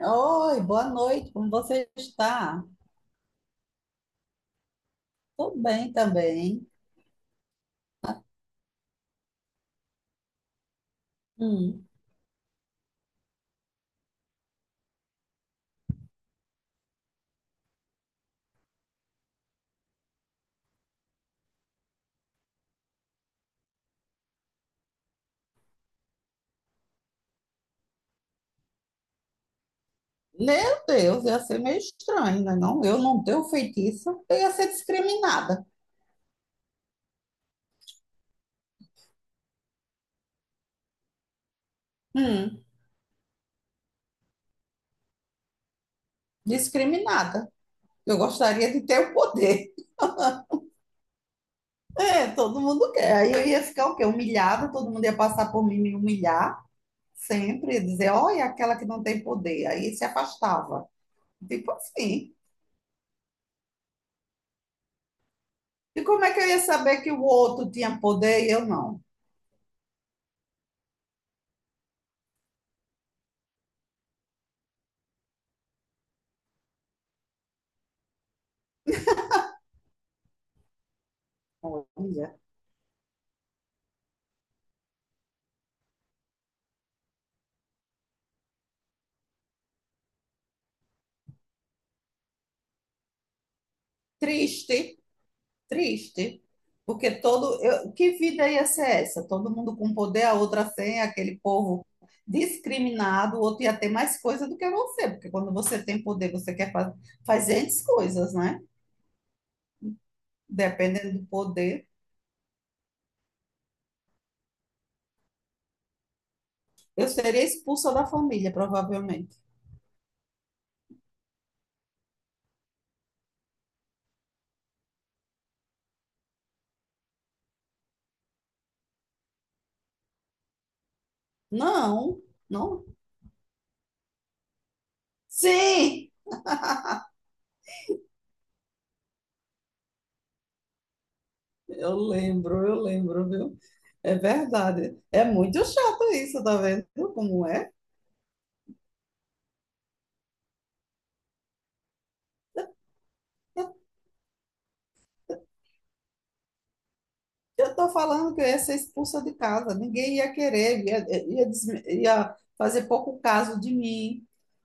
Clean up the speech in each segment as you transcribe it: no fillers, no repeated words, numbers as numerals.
Oi, boa noite, como você está? Tô bem também. Hum. Meu Deus, ia ser meio estranho, né? Não, eu não tenho feitiço, eu ia ser discriminada. Hum, discriminada. Eu gostaria de ter o poder. É, todo mundo quer. Aí eu ia ficar o quê? Humilhada, todo mundo ia passar por mim e me humilhar sempre, dizer, olha, aquela que não tem poder. Aí se afastava. Tipo assim. E como é que eu ia saber que o outro tinha poder e eu não? Olha, triste. Triste, porque todo. Eu, que vida ia ser essa? Todo mundo com poder, a outra sem, aquele povo discriminado, o outro ia ter mais coisa do que você, porque quando você tem poder, você quer fa fazer as coisas, né? Dependendo do poder. Eu seria expulsa da família, provavelmente. Não, não. Sim! Eu lembro, viu? É verdade. É muito chato isso, tá vendo como é? Eu estou falando que eu ia ser expulsa de casa, ninguém ia querer, ia fazer pouco caso de mim,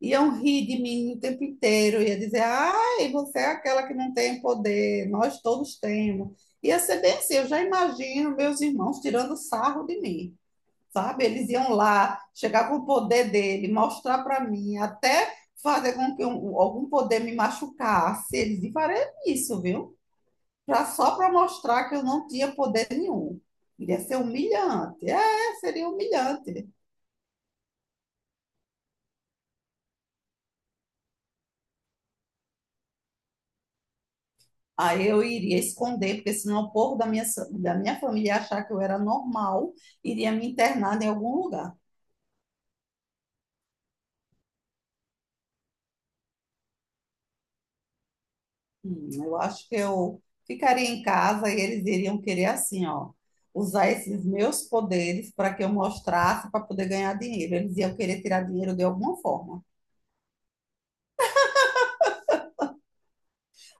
iam rir de mim o tempo inteiro, ia dizer, ai, você é aquela que não tem poder, nós todos temos. Ia ser bem assim, eu já imagino meus irmãos tirando sarro de mim, sabe? Eles iam lá, chegar com o poder dele, mostrar para mim, até fazer com que algum poder me machucasse, eles iam fazer isso, viu? Só para mostrar que eu não tinha poder nenhum. Iria ser humilhante. É, seria humilhante. Aí eu iria esconder, porque senão o povo da da minha família ia achar que eu era normal, iria me internar em algum lugar. Eu acho que eu ficaria em casa e eles iriam querer assim, ó, usar esses meus poderes para que eu mostrasse para poder ganhar dinheiro. Eles iam querer tirar dinheiro de alguma forma.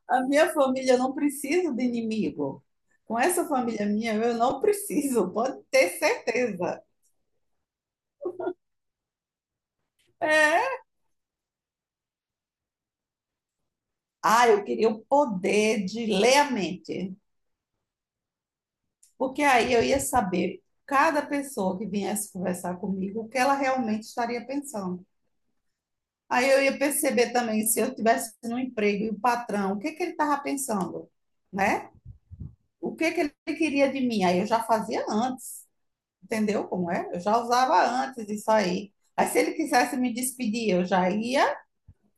A minha família não precisa de inimigo. Com essa família minha, eu não preciso, pode ter certeza. É. Ah, eu queria o poder de ler a mente, porque aí eu ia saber cada pessoa que viesse conversar comigo o que ela realmente estaria pensando. Aí eu ia perceber também se eu tivesse no emprego e o patrão, o que que ele estava pensando, né? O que que ele queria de mim? Aí eu já fazia antes. Entendeu como é? Eu já usava antes isso aí. Aí se ele quisesse me despedir, eu já ia,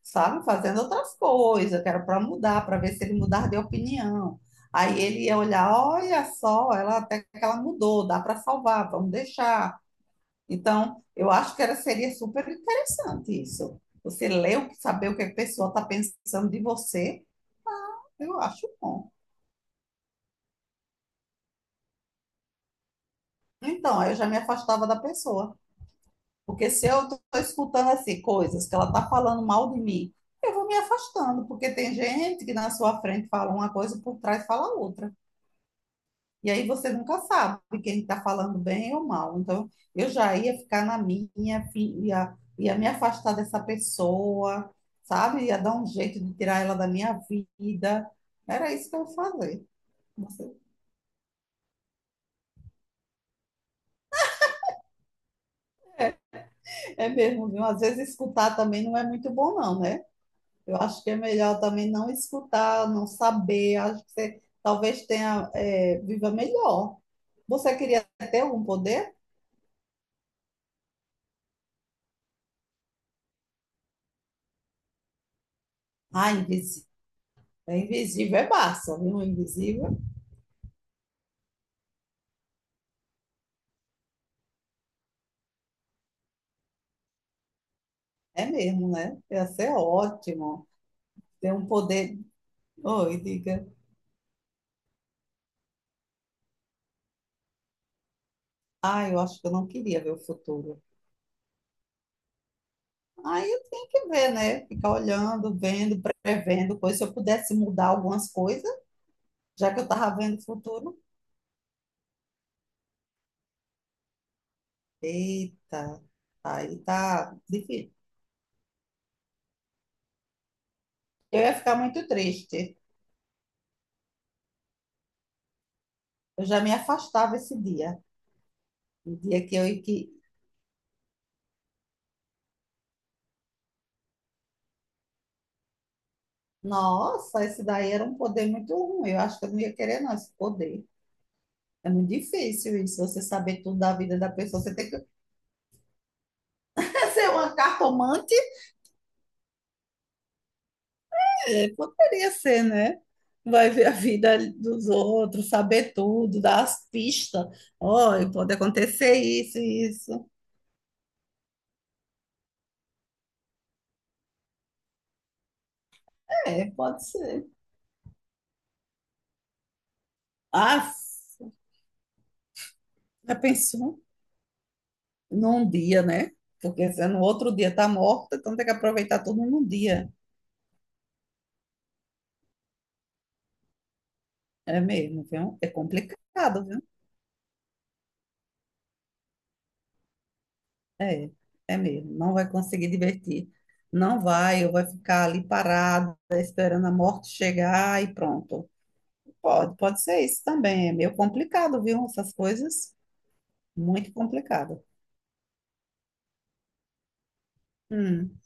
sabe, fazendo outras coisas, que era para mudar, para ver se ele mudar de opinião. Aí ele ia olhar, olha só, ela até que ela mudou, dá para salvar, vamos deixar. Então, eu acho que era, seria super interessante isso. Você ler, saber o que a pessoa está pensando de você, eu acho bom. Então, aí eu já me afastava da pessoa. Porque se eu estou escutando assim coisas que ela está falando mal de mim, eu vou me afastando, porque tem gente que na sua frente fala uma coisa e por trás fala outra. E aí você nunca sabe quem está falando bem ou mal. Então, eu já ia ficar na minha, ia me afastar dessa pessoa, sabe? Ia dar um jeito de tirar ela da minha vida. Era isso que eu ia fazer. É mesmo, viu? Às vezes escutar também não é muito bom, não, né? Eu acho que é melhor também não escutar, não saber. Acho que você talvez tenha, viva melhor. Você queria ter algum poder? Ah, invisível. Invisível é massa, viu? Invisível é mesmo, né? Ia ser ótimo. Ter um poder. Oi, diga. Ah, eu acho que eu não queria ver o futuro. Aí eu tenho que ver, né? Ficar olhando, vendo, prevendo coisas. Se eu pudesse mudar algumas coisas, já que eu estava vendo o futuro. Eita, aí tá difícil. Eu ia ficar muito triste. Eu já me afastava esse dia. O dia que eu ia que. Nossa, esse daí era um poder muito ruim. Eu acho que eu não ia querer, não, esse poder. É muito difícil isso, você saber tudo da vida da pessoa. Você tem que ser uma cartomante? É, poderia ser, né? Vai ver a vida dos outros, saber tudo, dar as pistas. Olha, pode acontecer isso, e isso. É, pode ser. Ah, já pensou? Num dia, né? Porque se no outro dia tá morta, então tem que aproveitar tudo num dia. É mesmo, viu? É complicado, viu? É, é mesmo. Não vai conseguir divertir. Não vai, ou vai ficar ali parada, esperando a morte chegar e pronto. Pode ser isso também. É meio complicado, viu? Essas coisas, muito complicado. Hum,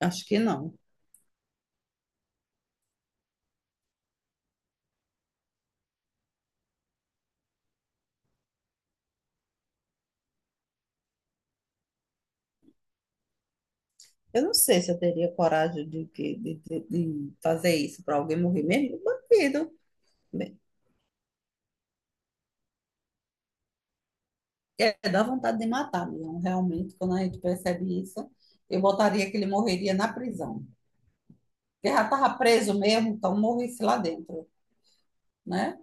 acho que não. Eu não sei se eu teria coragem de, que- de fazer isso para alguém morrer mesmo. Bandido. É, dá vontade de matar mesmo, realmente, quando a gente percebe isso. Eu botaria que ele morreria na prisão. Porque já estava preso mesmo, então morresse lá dentro, né?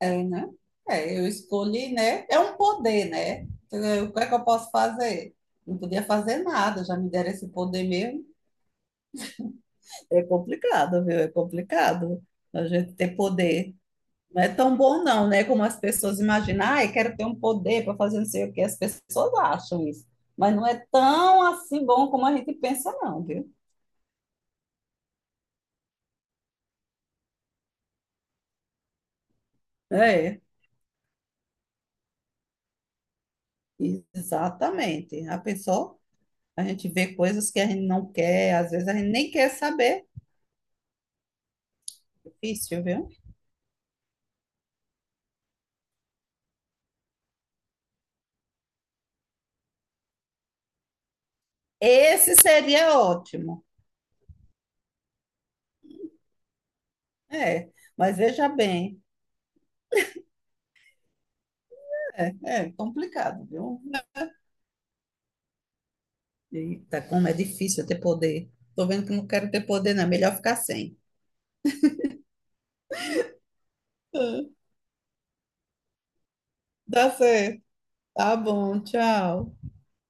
É, né? É, eu escolhi, né? É um poder, né? O que é que eu posso fazer? Não podia fazer nada, já me deram esse poder mesmo. É complicado, viu? É complicado a gente ter poder. Não é tão bom, não, né? Como as pessoas imaginam, ai, quero ter um poder para fazer não sei o que. As pessoas acham isso. Mas não é tão assim bom como a gente pensa, não, viu? É, exatamente. A pessoa, a gente vê coisas que a gente não quer, às vezes a gente nem quer saber. Difícil, viu? Esse seria ótimo. É, mas veja bem, é complicado, viu? Eita, como é difícil ter poder. Tô vendo que não quero ter poder, não. É melhor ficar sem. É, dá certo. Tá bom, tchau.